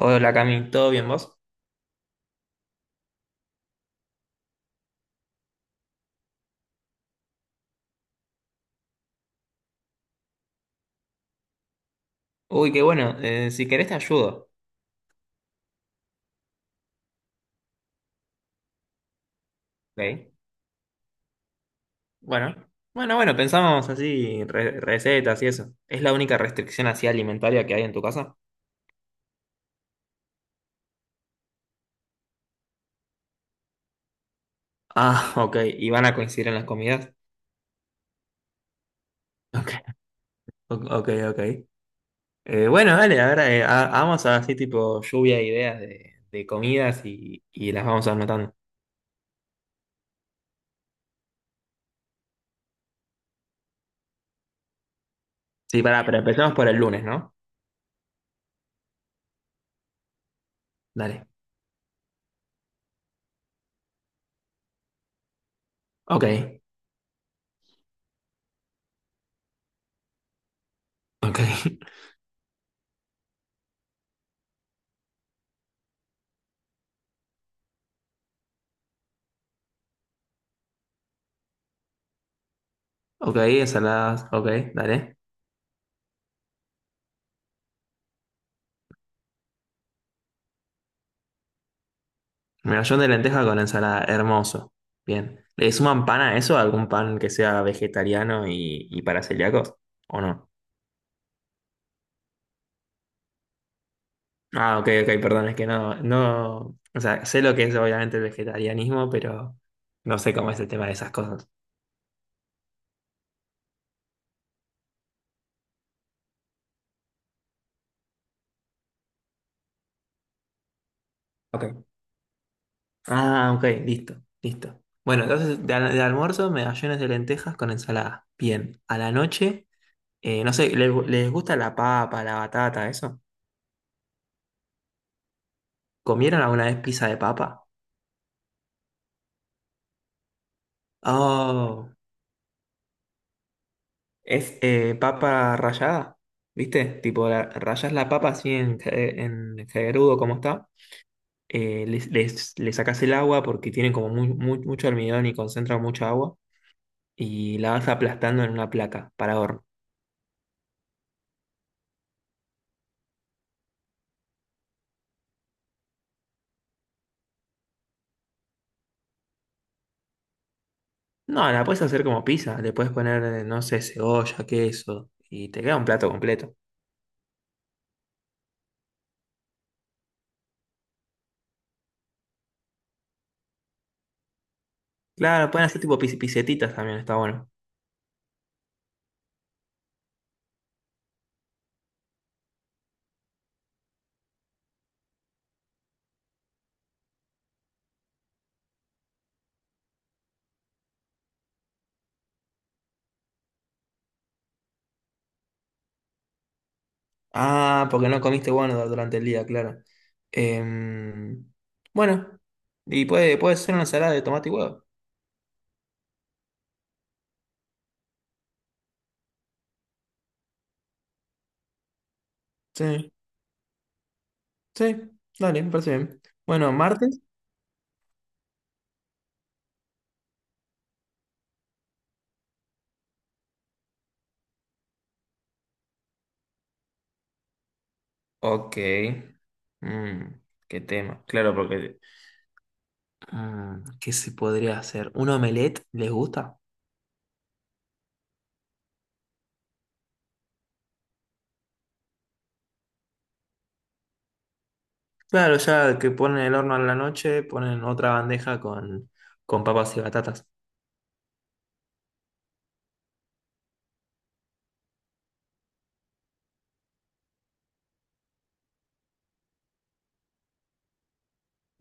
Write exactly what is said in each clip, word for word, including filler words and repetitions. Hola Cami, ¿todo bien vos? Uy, qué bueno, eh, si querés te ayudo. Ok. Bueno, bueno, bueno, pensamos así, re- recetas y eso. ¿Es la única restricción así alimentaria que hay en tu casa? Ah, ok, ¿y van a coincidir en las comidas? Ok, o- ok, ok. Eh, bueno, dale, ahora eh, ha- vamos a así tipo lluvia de ideas de, de comidas y, y las vamos anotando. Sí, pará, pero empezamos por el lunes, ¿no? Dale. Ok, ok, ok, ensaladas, ok, dale. Medallón de lenteja con ensalada, hermoso. Bien. ¿Le suman pan a eso? ¿Algún pan que sea vegetariano y, y para celíacos? ¿O no? Ah, ok, ok, perdón, es que no, no. O sea, sé lo que es obviamente el vegetarianismo, pero no sé cómo es el tema de esas cosas. Ok. Ah, ok, listo, listo. Bueno, entonces de, al- de almuerzo, medallones de lentejas con ensalada. Bien. A la noche, eh, no sé, ¿les, les gusta la papa, la batata, eso? ¿Comieron alguna vez pizza de papa? Oh. Es eh, papa rallada, ¿viste? Tipo, la- rayas la papa así en, cae- en caerudo como está. Eh, les, les, le sacás el agua porque tiene como muy, muy- mucho almidón y concentra mucha agua. Y la vas aplastando en una placa para horno. No, la puedes hacer como pizza. Le puedes poner, eh, no sé, cebolla, queso. Y te queda un plato completo. Claro, pueden hacer tipo pis- pisetitas también, está bueno. Ah, porque no comiste bueno durante el día, claro. Em, bueno, y puede, puede ser una ensalada de tomate y huevo. Sí, sí, dale, me parece bien. Bueno, martes. Ok. Mm, qué tema. Claro, porque... mm, ¿qué se podría hacer? ¿Un omelette les gusta? Claro, ya que ponen el horno a la noche, ponen otra bandeja con, con papas y batatas.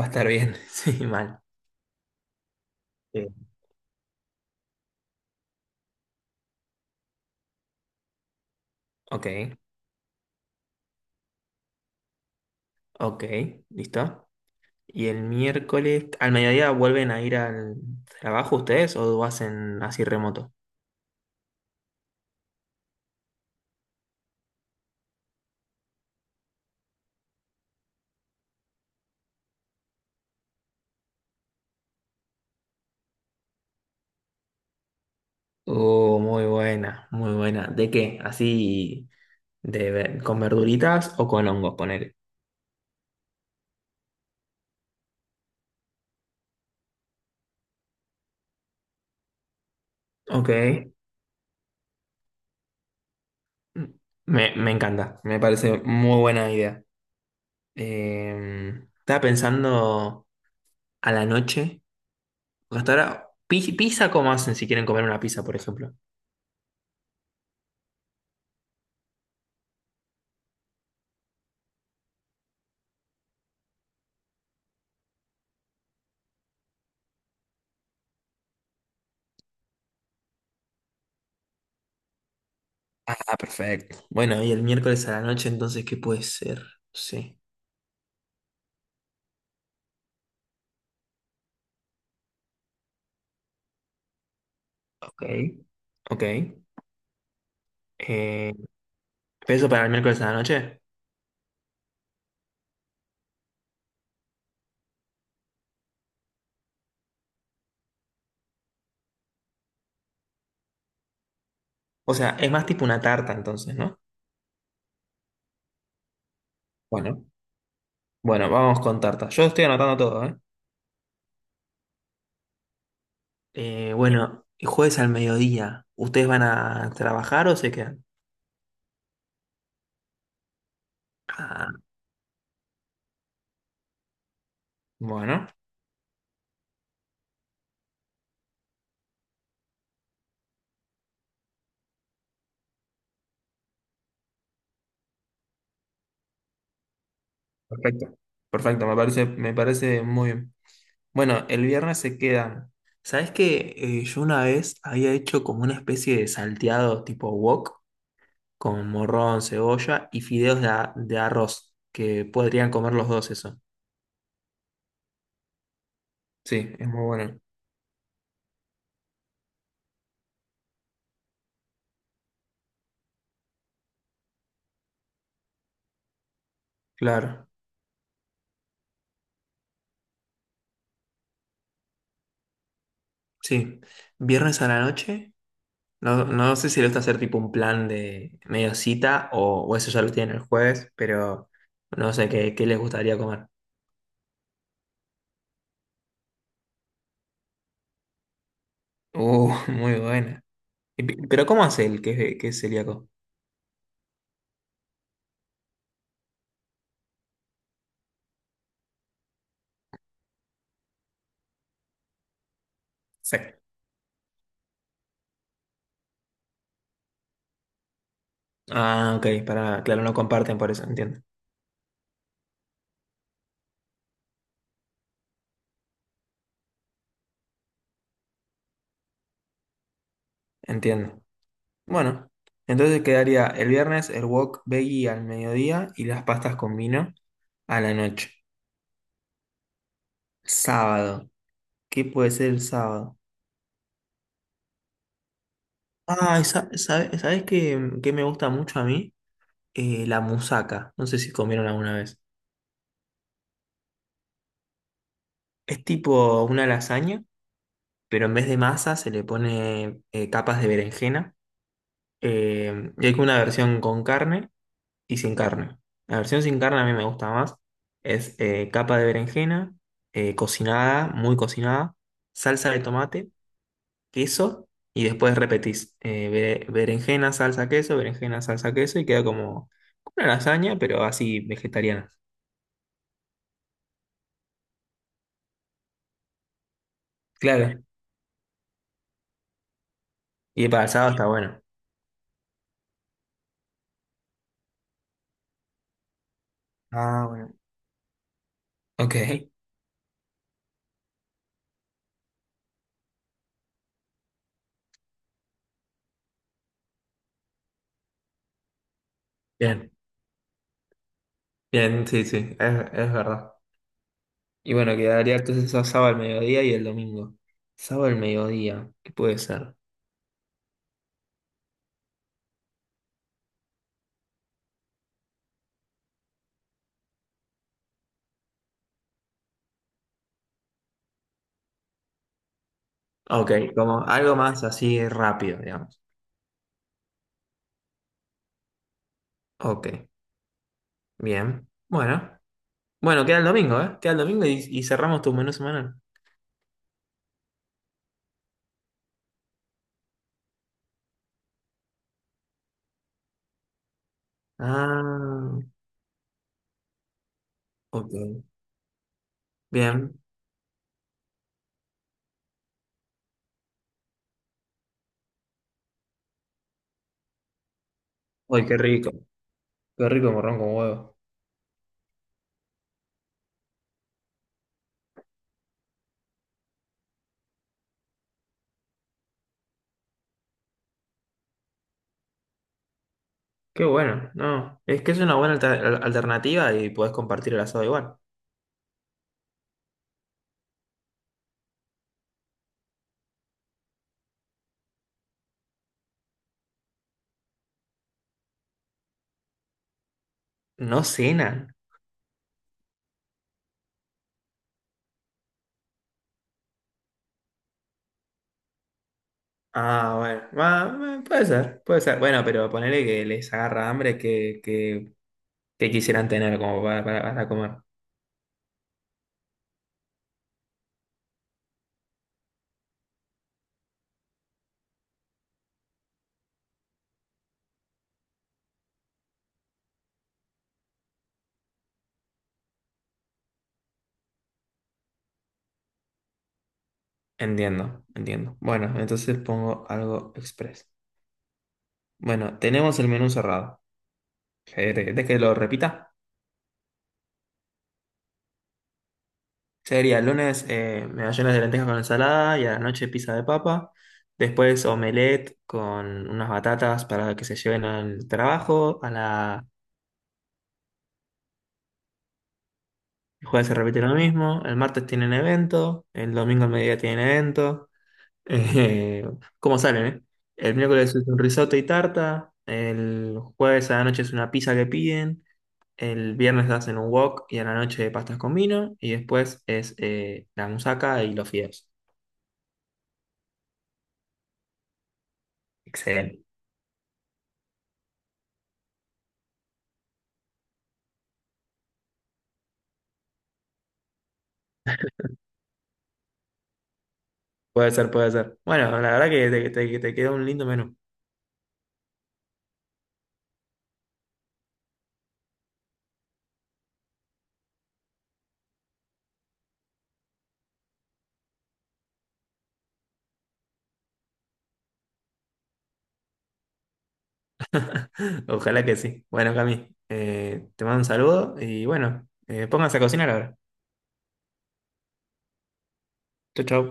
Va a estar bien, sí, mal. Sí. Ok, ok, listo. Y el miércoles, ¿al mediodía vuelven a ir al trabajo ustedes o hacen así remoto? Oh, muy buena, muy buena. ¿De qué? ¿Así de, ver- con verduritas o con hongos, ponele? Ok. Me, me encanta, me parece muy buena idea. Eh, Estaba pensando a la noche, porque hasta ahora, pi- pizza, ¿cómo hacen si quieren comer una pizza, por ejemplo? Ah, perfecto. Bueno, y el miércoles a la noche, entonces, ¿qué puede ser? Sí. Ok. Ok. Eh, Peso para el miércoles a la noche. O sea, es más tipo una tarta entonces, ¿no? Bueno, bueno, vamos con tarta. Yo estoy anotando todo, ¿eh? Eh, bueno, el jueves al mediodía, ¿ustedes van a trabajar o se quedan? Ah, bueno, perfecto. Perfecto, me parece, me parece muy bien. Bueno, el viernes se quedan. ¿Sabes qué? Eh, yo una vez había hecho como una especie de salteado tipo wok con morrón, cebolla y fideos de, a- de arroz, que podrían comer los dos eso. Sí, es muy bueno. Claro. Sí. Viernes a la noche. No, no sé si lo está a hacer tipo un plan de medio cita o, o eso ya lo tienen el jueves, pero no sé qué, qué les gustaría comer. Uh, muy buena. Y pi- pero ¿cómo hace el que, que es celíaco? Sí. Ah, ok, para, claro, no comparten por eso, entiendo. Entiendo. Bueno, entonces quedaría el viernes el wok veggie al mediodía y las pastas con vino a la noche. Sábado. ¿Qué puede ser el sábado? Ah, esa- sabe- ¿sabes qué, qué me gusta mucho a mí? Eh, la musaca. No sé si comieron alguna vez. Es tipo una lasaña, pero en vez de masa se le pone eh, capas de berenjena. Eh, y hay como una versión con carne y sin carne. La versión sin carne a mí me gusta más. Es eh, capa de berenjena, eh, cocinada, muy cocinada, salsa de tomate queso y después repetís eh, bere- berenjena, salsa, queso, berenjena, salsa, queso y queda como una lasaña, pero así vegetariana. Claro. Y para el sábado está bueno. Ah, bueno. Ok, bien, bien, sí, sí, es, es verdad. Y bueno, quedaría entonces el sábado al mediodía y el domingo. Sábado al mediodía, ¿qué puede ser? Ok, como algo más así rápido, digamos. Ok, bien. Bueno, bueno, queda el domingo, ¿eh? Queda el domingo y, y cerramos tu menú semanal. Ah, ok. Bien. Uy, qué rico. Qué rico morrón con huevo. Qué bueno. No, es que es una buena alter- al- alternativa y podés compartir el asado igual. No cenan. Ah, bueno. Ah, eh, puede ser, puede ser. Bueno, pero ponele que les agarra hambre que, que, que quisieran tener como para, para, para comer. Entiendo, entiendo. Bueno, entonces pongo algo express. Bueno, tenemos el menú cerrado. Eh, ¿Querés que lo repita? Sería el lunes eh, medallones de lentejas con ensalada y a la noche pizza de papa. Después omelette con unas batatas para que se lleven al trabajo. A la... El jueves se repite lo mismo. El martes tienen evento. El domingo al mediodía tienen evento. Eh, ¿Cómo salen, eh? El miércoles es un risotto y tarta. El jueves a la noche es una pizza que piden. El viernes hacen un wok y a la noche pastas con vino. Y después es eh, la musaca y los fideos. Excelente. Puede ser, puede ser. Bueno, la verdad que te, te- te quedó un lindo menú. Ojalá que sí. Bueno, Cami, eh, te mando un saludo y bueno, eh, pónganse a cocinar ahora. Chau, chau.